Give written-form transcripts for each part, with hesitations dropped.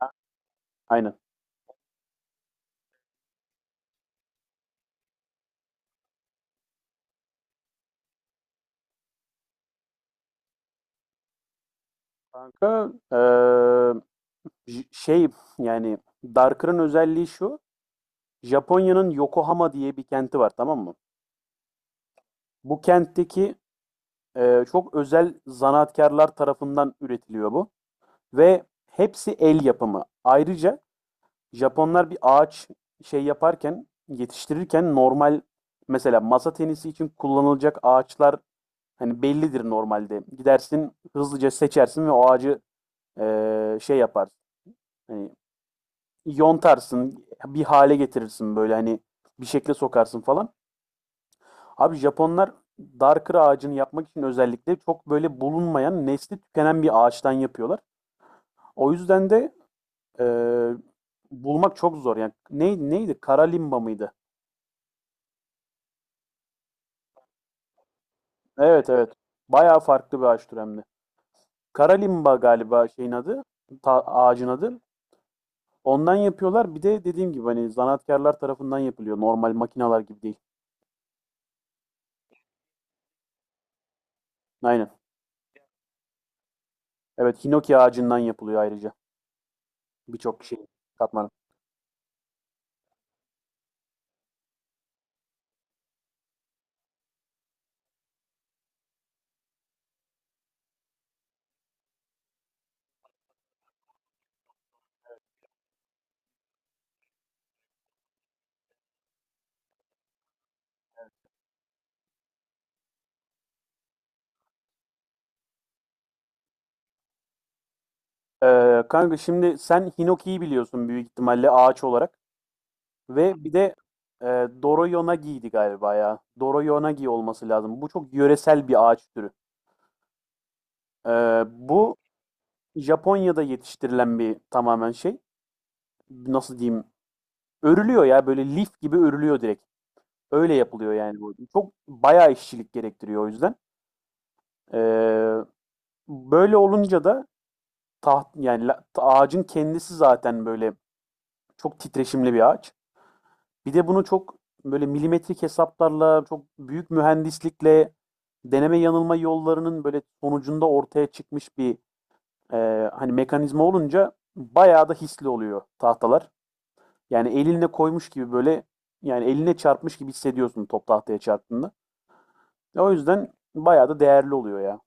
Hı. Aynen. Kanka, şey yani Darker'ın özelliği şu. Japonya'nın Yokohama diye bir kenti var, tamam mı? Bu kentteki çok özel zanaatkarlar tarafından üretiliyor bu. Ve hepsi el yapımı. Ayrıca Japonlar bir ağaç şey yaparken, yetiştirirken normal, mesela masa tenisi için kullanılacak ağaçlar hani bellidir normalde. Gidersin, hızlıca seçersin ve o ağacı şey yaparsın. Hani yontarsın, bir hale getirirsin, böyle hani bir şekle sokarsın falan. Abi Japonlar Darker ağacını yapmak için özellikle çok böyle bulunmayan, nesli tükenen bir ağaçtan yapıyorlar. O yüzden de e, bulmak çok zor. Yani ne, neydi? Kara limba mıydı? Evet, evet. Bayağı farklı bir ağaç türü hem de. Kara limba galiba şeyin adı, ağacın adı. Ondan yapıyorlar. Bir de dediğim gibi hani zanaatkarlar tarafından yapılıyor. Normal makineler gibi değil. Aynen. Evet, hinoki ağacından yapılıyor ayrıca. Birçok şey katman. Kanka şimdi sen Hinoki'yi biliyorsun büyük ihtimalle ağaç olarak. Ve bir de e, Doroyonagi'ydi galiba ya. Doroyonagi olması lazım. Bu çok yöresel bir ağaç türü. Bu Japonya'da yetiştirilen bir tamamen şey. Nasıl diyeyim? Örülüyor ya, böyle lif gibi örülüyor direkt. Öyle yapılıyor yani bu. Çok bayağı işçilik gerektiriyor o yüzden. Ee, böyle olunca da yani ağacın kendisi zaten böyle çok titreşimli bir ağaç. Bir de bunu çok böyle milimetrik hesaplarla, çok büyük mühendislikle, deneme yanılma yollarının böyle sonucunda ortaya çıkmış bir e, hani mekanizma olunca bayağı da hisli oluyor tahtalar. Yani elinle koymuş gibi, böyle yani eline çarpmış gibi hissediyorsun top tahtaya çarptığında. O yüzden bayağı da değerli oluyor ya.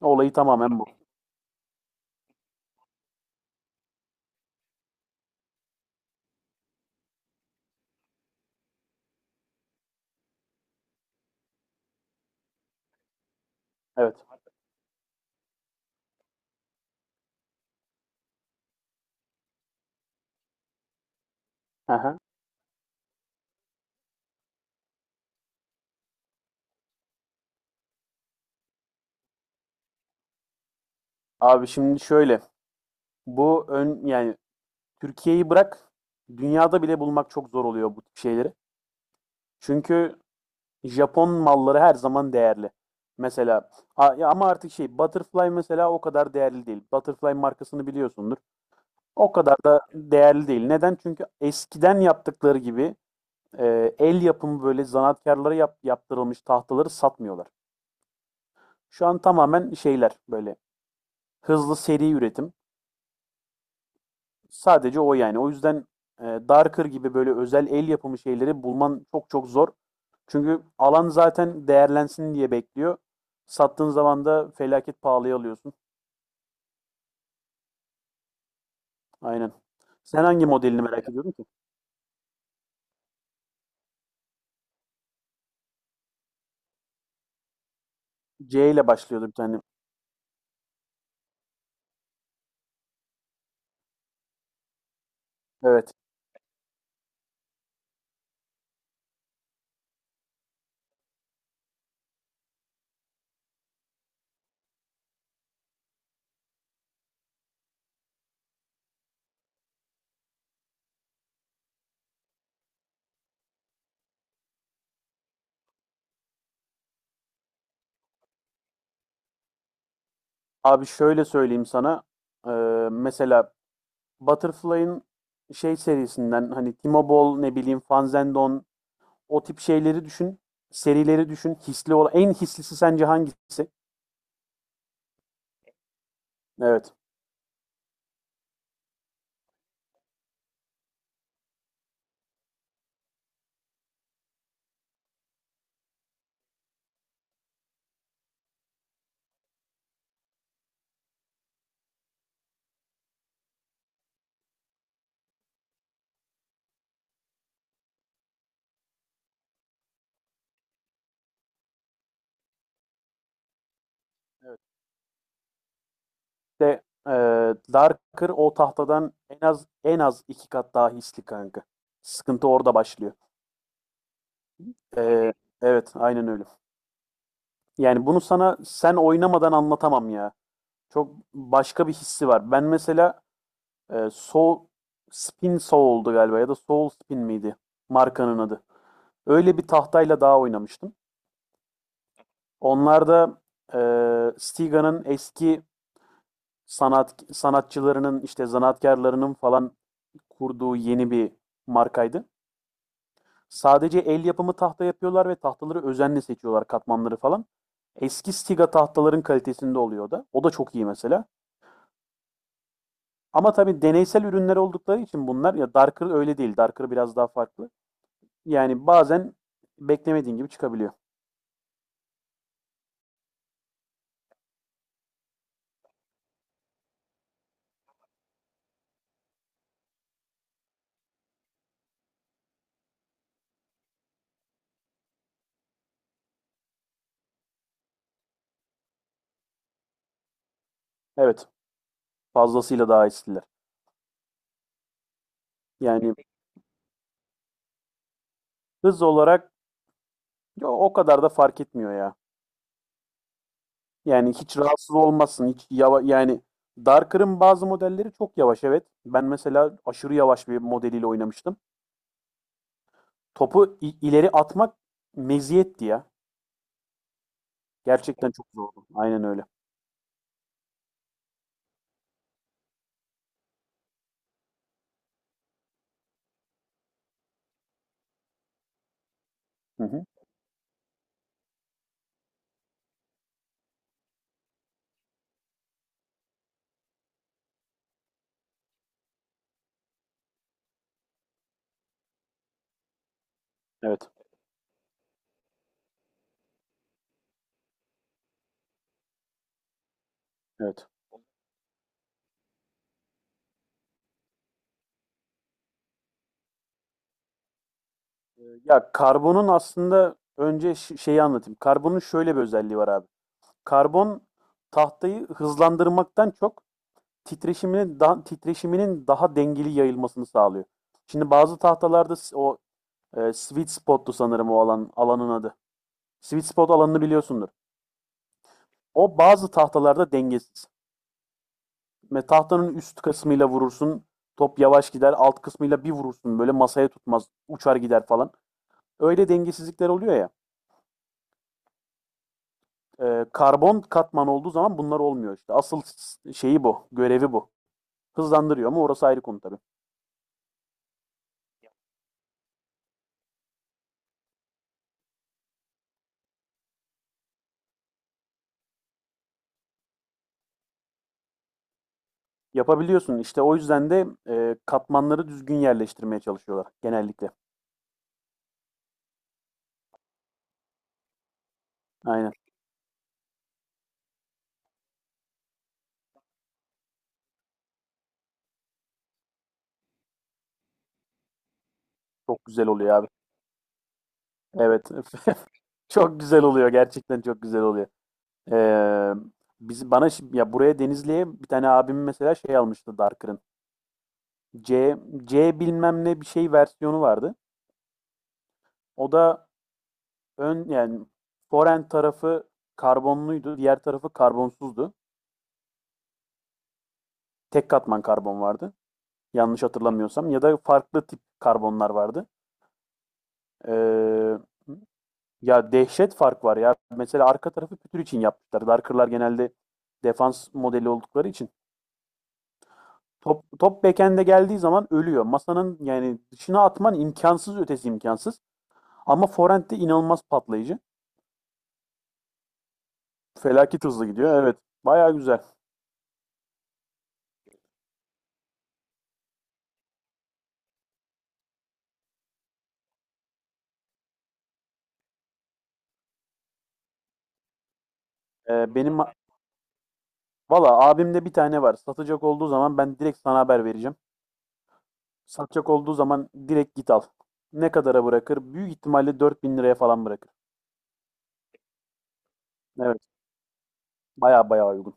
Olayı tamamen bu. Evet. Aha. Abi şimdi şöyle, bu yani Türkiye'yi bırak, dünyada bile bulmak çok zor oluyor bu tip şeyleri. Çünkü Japon malları her zaman değerli. Mesela ya, ama artık şey, Butterfly mesela o kadar değerli değil. Butterfly markasını biliyorsundur. O kadar da değerli değil. Neden? Çünkü eskiden yaptıkları gibi el yapımı böyle zanaatkarlara yaptırılmış tahtaları satmıyorlar. Şu an tamamen şeyler, böyle hızlı seri üretim. Sadece o yani. O yüzden Darker gibi böyle özel el yapımı şeyleri bulman çok çok zor. Çünkü alan zaten değerlensin diye bekliyor. Sattığın zaman da felaket pahalıya alıyorsun. Aynen. Sen hangi modelini merak ediyordun ki? C ile başlıyordu bir tane. Evet. Abi şöyle söyleyeyim sana. Ee, mesela Butterfly'ın şey serisinden, hani Timobol, ne bileyim Fanzendon, o tip şeyleri düşün. Serileri düşün. Hisli olan, en hislisi sence hangisi? Evet. De e, Darker o tahtadan en az en az iki kat daha hisli kanka. Sıkıntı orada başlıyor. Ee, evet, aynen öyle. Yani bunu sana sen oynamadan anlatamam ya. Çok başka bir hissi var. Ben mesela Soul Spin Soul'du galiba, ya da Soul Spin miydi markanın adı. Öyle bir tahtayla daha oynamıştım. Onlar da Stiga'nın eski sanatçılarının, işte zanaatkarlarının falan kurduğu yeni bir markaydı. Sadece el yapımı tahta yapıyorlar ve tahtaları özenle seçiyorlar, katmanları falan. Eski Stiga tahtaların kalitesinde oluyor da. O da çok iyi mesela. Ama tabii deneysel ürünler oldukları için bunlar, ya Darker öyle değil. Darker biraz daha farklı. Yani bazen beklemediğin gibi çıkabiliyor. Evet, fazlasıyla daha eskiler. Yani hız olarak, yo, o kadar da fark etmiyor ya. Yani hiç rahatsız olmazsın. Hiç yani Darker'ın bazı modelleri çok yavaş, evet. Ben mesela aşırı yavaş bir modeliyle oynamıştım. Topu ileri atmak meziyetti ya. Gerçekten çok zordu. Aynen öyle. Hı hı. Evet. Evet. Ya karbonun aslında, önce şeyi anlatayım. Karbonun şöyle bir özelliği var abi. Karbon tahtayı hızlandırmaktan çok titreşiminin daha dengeli yayılmasını sağlıyor. Şimdi bazı tahtalarda o sweet spot'tu sanırım o alanın adı. Sweet spot alanını biliyorsundur. O bazı tahtalarda dengesiz. Ve tahtanın üst kısmıyla vurursun. Top yavaş gider. Alt kısmıyla bir vurursun, böyle masaya tutmaz. Uçar gider falan. Öyle dengesizlikler oluyor ya. Karbon katman olduğu zaman bunlar olmuyor işte. Asıl şeyi bu. Görevi bu. Hızlandırıyor ama orası ayrı konu tabii. Yapabiliyorsun. İşte o yüzden de katmanları düzgün yerleştirmeye çalışıyorlar genellikle. Aynen. Çok güzel oluyor abi. Evet. Çok güzel oluyor. Gerçekten çok güzel oluyor. Ee, biz bana ya buraya Denizli'ye bir tane abim mesela şey almıştı Darker'ın. C C bilmem ne bir şey versiyonu vardı. O da yani forend tarafı karbonluydu, diğer tarafı karbonsuzdu. Tek katman karbon vardı. Yanlış hatırlamıyorsam, ya da farklı tip karbonlar vardı. Ee, ya dehşet fark var ya. Mesela arka tarafı pütür için yapmışlar. Darker'lar genelde defans modeli oldukları için top backhand'e geldiği zaman ölüyor. Masanın yani dışına atman imkansız, ötesi imkansız. Ama forend de inanılmaz patlayıcı. Felaket hızlı gidiyor. Evet. Baya güzel. Benim valla abimde bir tane var. Satacak olduğu zaman ben direkt sana haber vereceğim. Satacak olduğu zaman direkt git al. Ne kadara bırakır? Büyük ihtimalle 4.000 liraya falan bırakır. Evet. Baya baya uygun.